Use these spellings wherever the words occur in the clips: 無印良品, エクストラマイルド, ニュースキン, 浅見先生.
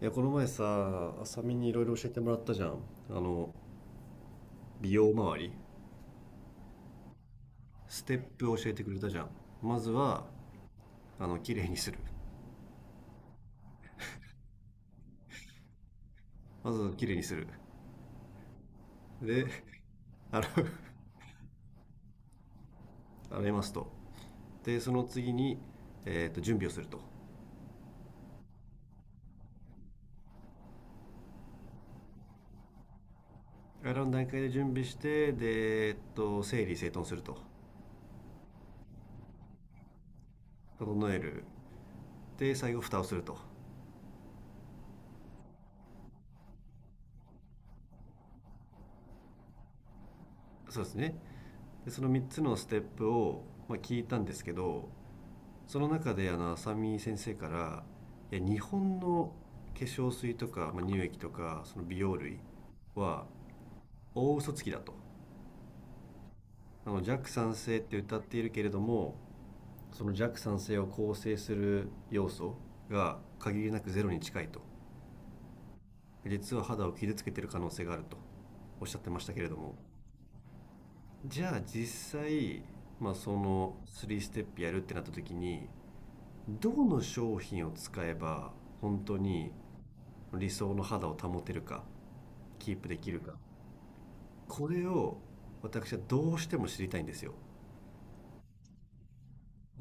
いや、この前さあ、さみにいろいろ教えてもらったじゃん。あの美容周り、ステップを教えてくれたじゃん。まずは綺麗にする。まずは綺麗にする。で、洗う。洗いますと、でその次に、準備をすると。洗う段階で準備してで、整理整頓すると。整える。で最後蓋をすると。そうですね。でその3つのステップを、まあ、聞いたんですけど。その中で浅見先生から、いや日本の化粧水とか、まあ、乳液とかその美容類は大嘘つきだと。弱酸性って歌っているけれども、その弱酸性を構成する要素が限りなくゼロに近いと。実は肌を傷つけている可能性があるとおっしゃってましたけれども、じゃあ実際、まあ、その3ステップやるってなった時に、どの商品を使えば本当に理想の肌を保てるか、キープできるか、これを私はどうしても知りたいんですよ。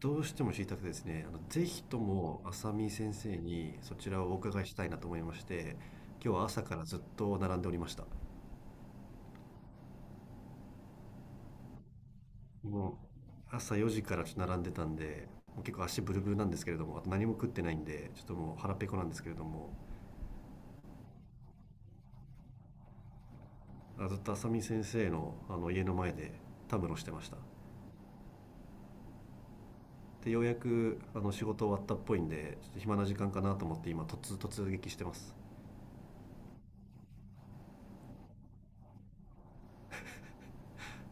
どうしても知りたくてですね、ぜひとも浅見先生にそちらをお伺いしたいなと思いまして、今日は朝からずっと並んでおりました。もう朝4時からちょっと並んでたんで、もう結構足ブルブルなんですけれども、あと何も食ってないんでちょっともう腹ペコなんですけれども、あ、ずっと浅見先生の家の前でたむろしてました。でようやく仕事終わったっぽいんでちょっと暇な時間かなと思って、今突撃してます。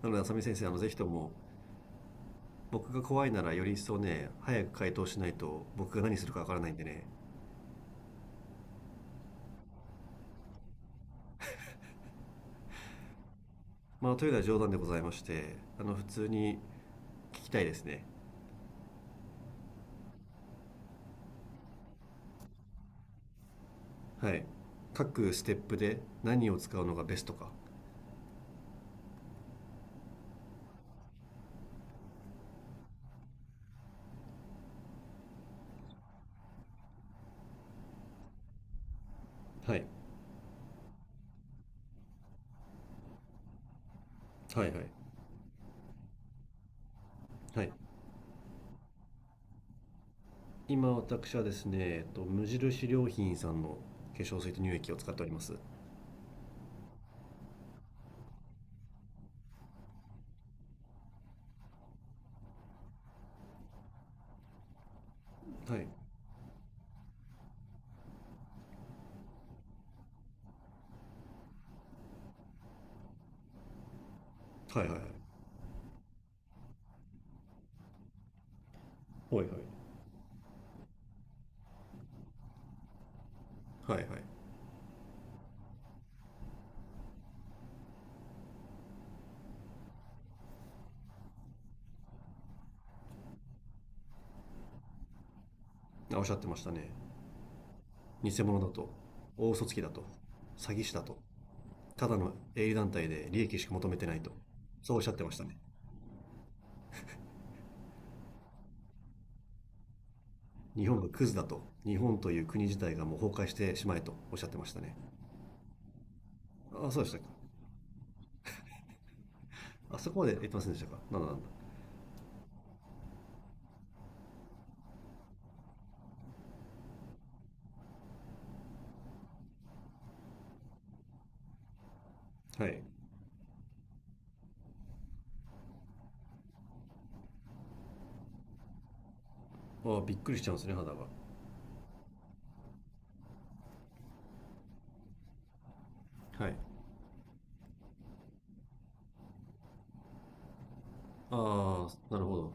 なので浅見先生、ぜひとも、僕が怖いならより一層ね、早く回答しないと僕が何するかわからないんでね。まあというのは冗談でございまして、普通に聞きたいですね。はい、各ステップで何を使うのがベストか。はい、はい、はい、はい。今私はですね、無印良品さんの化粧水と乳液を使っております。はい、はい、はい、はい、はい、はい、はい、はい。おっしゃってましたね。偽物だと。大嘘つきだと。詐欺師だと。ただの営利団体で利益しか求めてないと、そうおっしゃってましたね。日本がクズだと、日本という国自体がもう崩壊してしまえとおっしゃってましたね。あ、そうでしたか。あ、そこまで言ってませんでしたか。なんだなんだ。はい。ああ、びっくりしちゃうんですね肌が。はい。ああ、なるほど。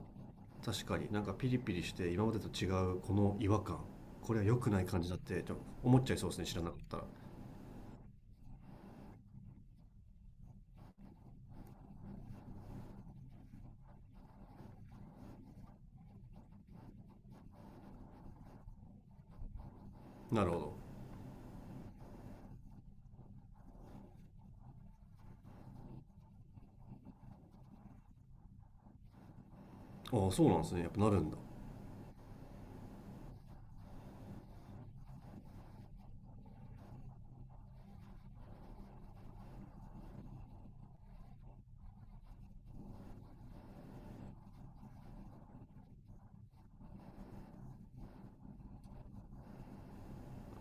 確かになんかピリピリして今までと違うこの違和感、これは良くない感じだってちょっと思っちゃいそうですね、知らなかったら。なるほど。ああ、そうなんですね。やっぱなるんだ。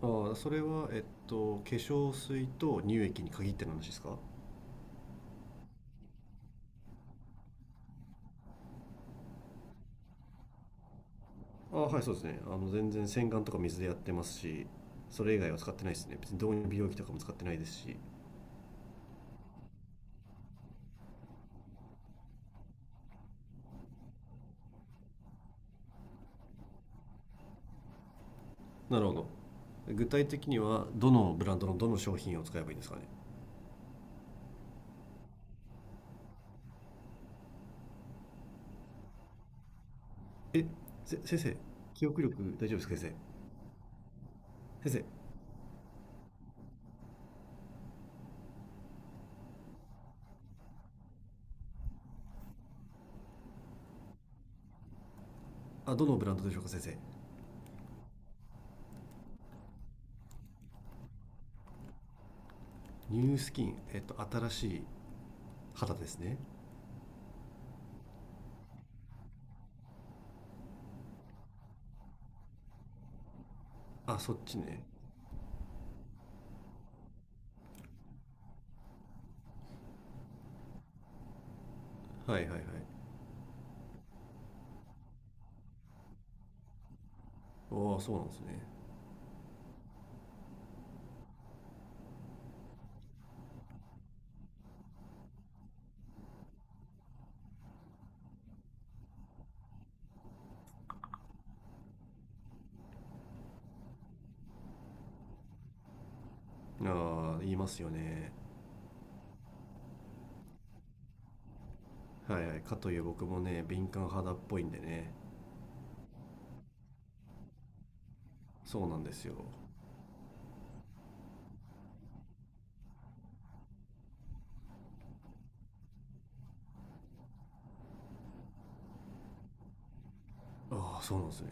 ああ、それは、化粧水と乳液に限っての話ですか？ああ、はい、そうですね。全然洗顔とか水でやってますし、それ以外は使ってないですね。別に導入美容液とかも使ってないですし。なるほど。具体的には、どのブランドのどの商品を使えばいいんですかね？え、先生、記憶力大丈夫ですか、先生。先生、あ、どのブランドでしょうか、先生。ニュースキン、新しい肌ですね。あ、そっちね。はい、はい、はい。ああ、そうなんですね。ああ、言いますよね。はい、はいかという僕もね、敏感肌っぽいんでね。そうなんですよ。ああ、そうなんですね。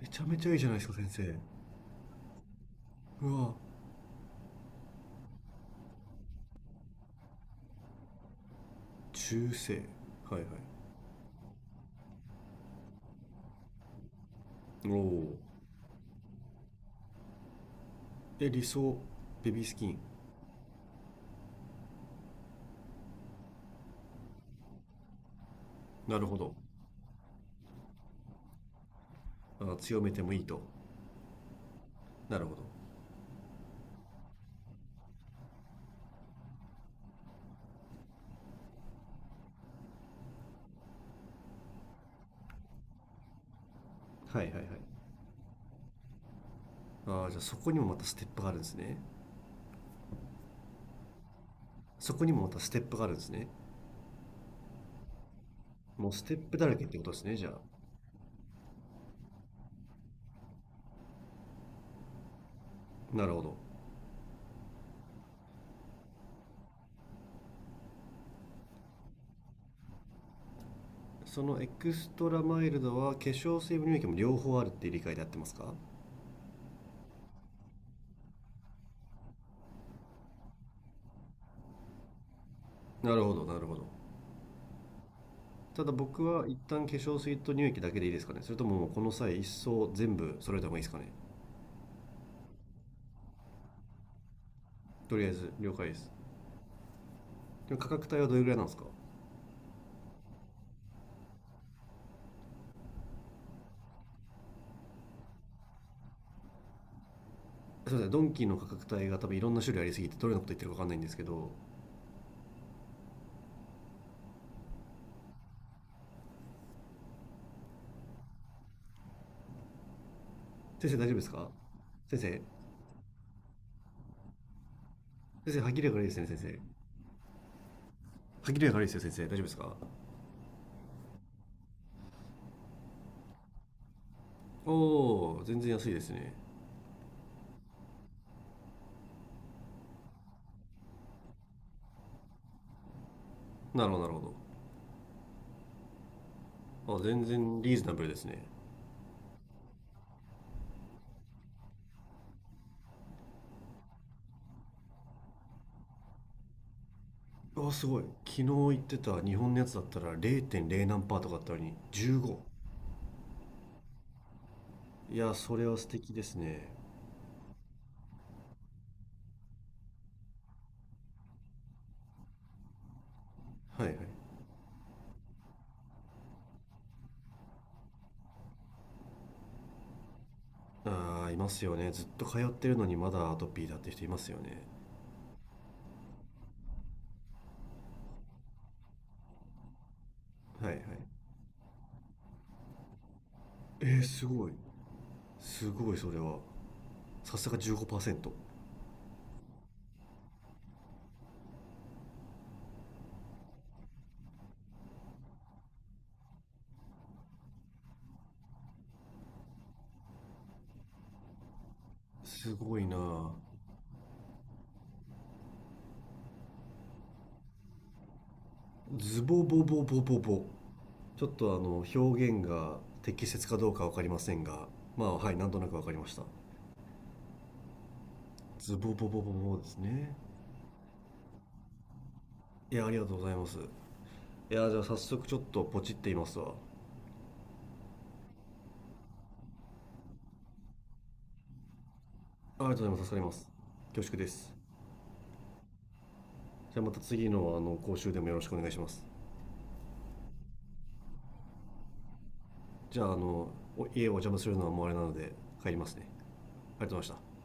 めちゃめちゃいいじゃないですか先生。うわ。中性、はい、はい。おお。で理想、ベビースキン。なるほど。あー、強めてもいいと。なるほど。はい、はい、はい。ああ、じゃあそこにもまたステップがあるんですね。そこにもまたステップがあるんですね。もうステップだらけってことですねじゃあ。なるほど。そのエクストラマイルドは化粧水も乳液も両方あるっていう理解でやってますか？なるほど、なるほど。ただ僕は一旦化粧水と乳液だけでいいですかね、それとももうこの際一層全部揃えた方がいいですかね？とりあえず了解です。でも価格帯はどれぐらいなんですか？すいません、ドンキーの価格帯が多分いろんな種類ありすぎてどれのこと言ってるか分かんないんですけど。先生大丈夫ですか、先生。先生、歯切れが悪いですね先生。歯切れが悪いですよ先生、大丈夫ですか？おお。全然安いですね。なるほど、なるほど。あ、全然リーズナブルですね。あ、すごい、昨日言ってた日本のやつだったら0.0何パーとかあったのに15。いや、それは素敵ですね。はい、はい。ああ、いますよね、ずっと通ってるのにまだアトピーだって人いますよね。はい、はい。えー、すごい、すごいそれは。さすが15%。すごいな。ズボボボボボボ。ちょっと表現が適切かどうかわかりませんが、まあ、はい、なんとなくわかりました。ズボボボボボですね。いや、ありがとうございます。いや、じゃあ早速ちょっとポチっていますわ。ありがとうございます、助かります。恐縮です。じゃあまた次の講習でもよろしくお願いします。じゃあ、家をお邪魔するのはもうあれなので、帰りますね。ありがとうございました。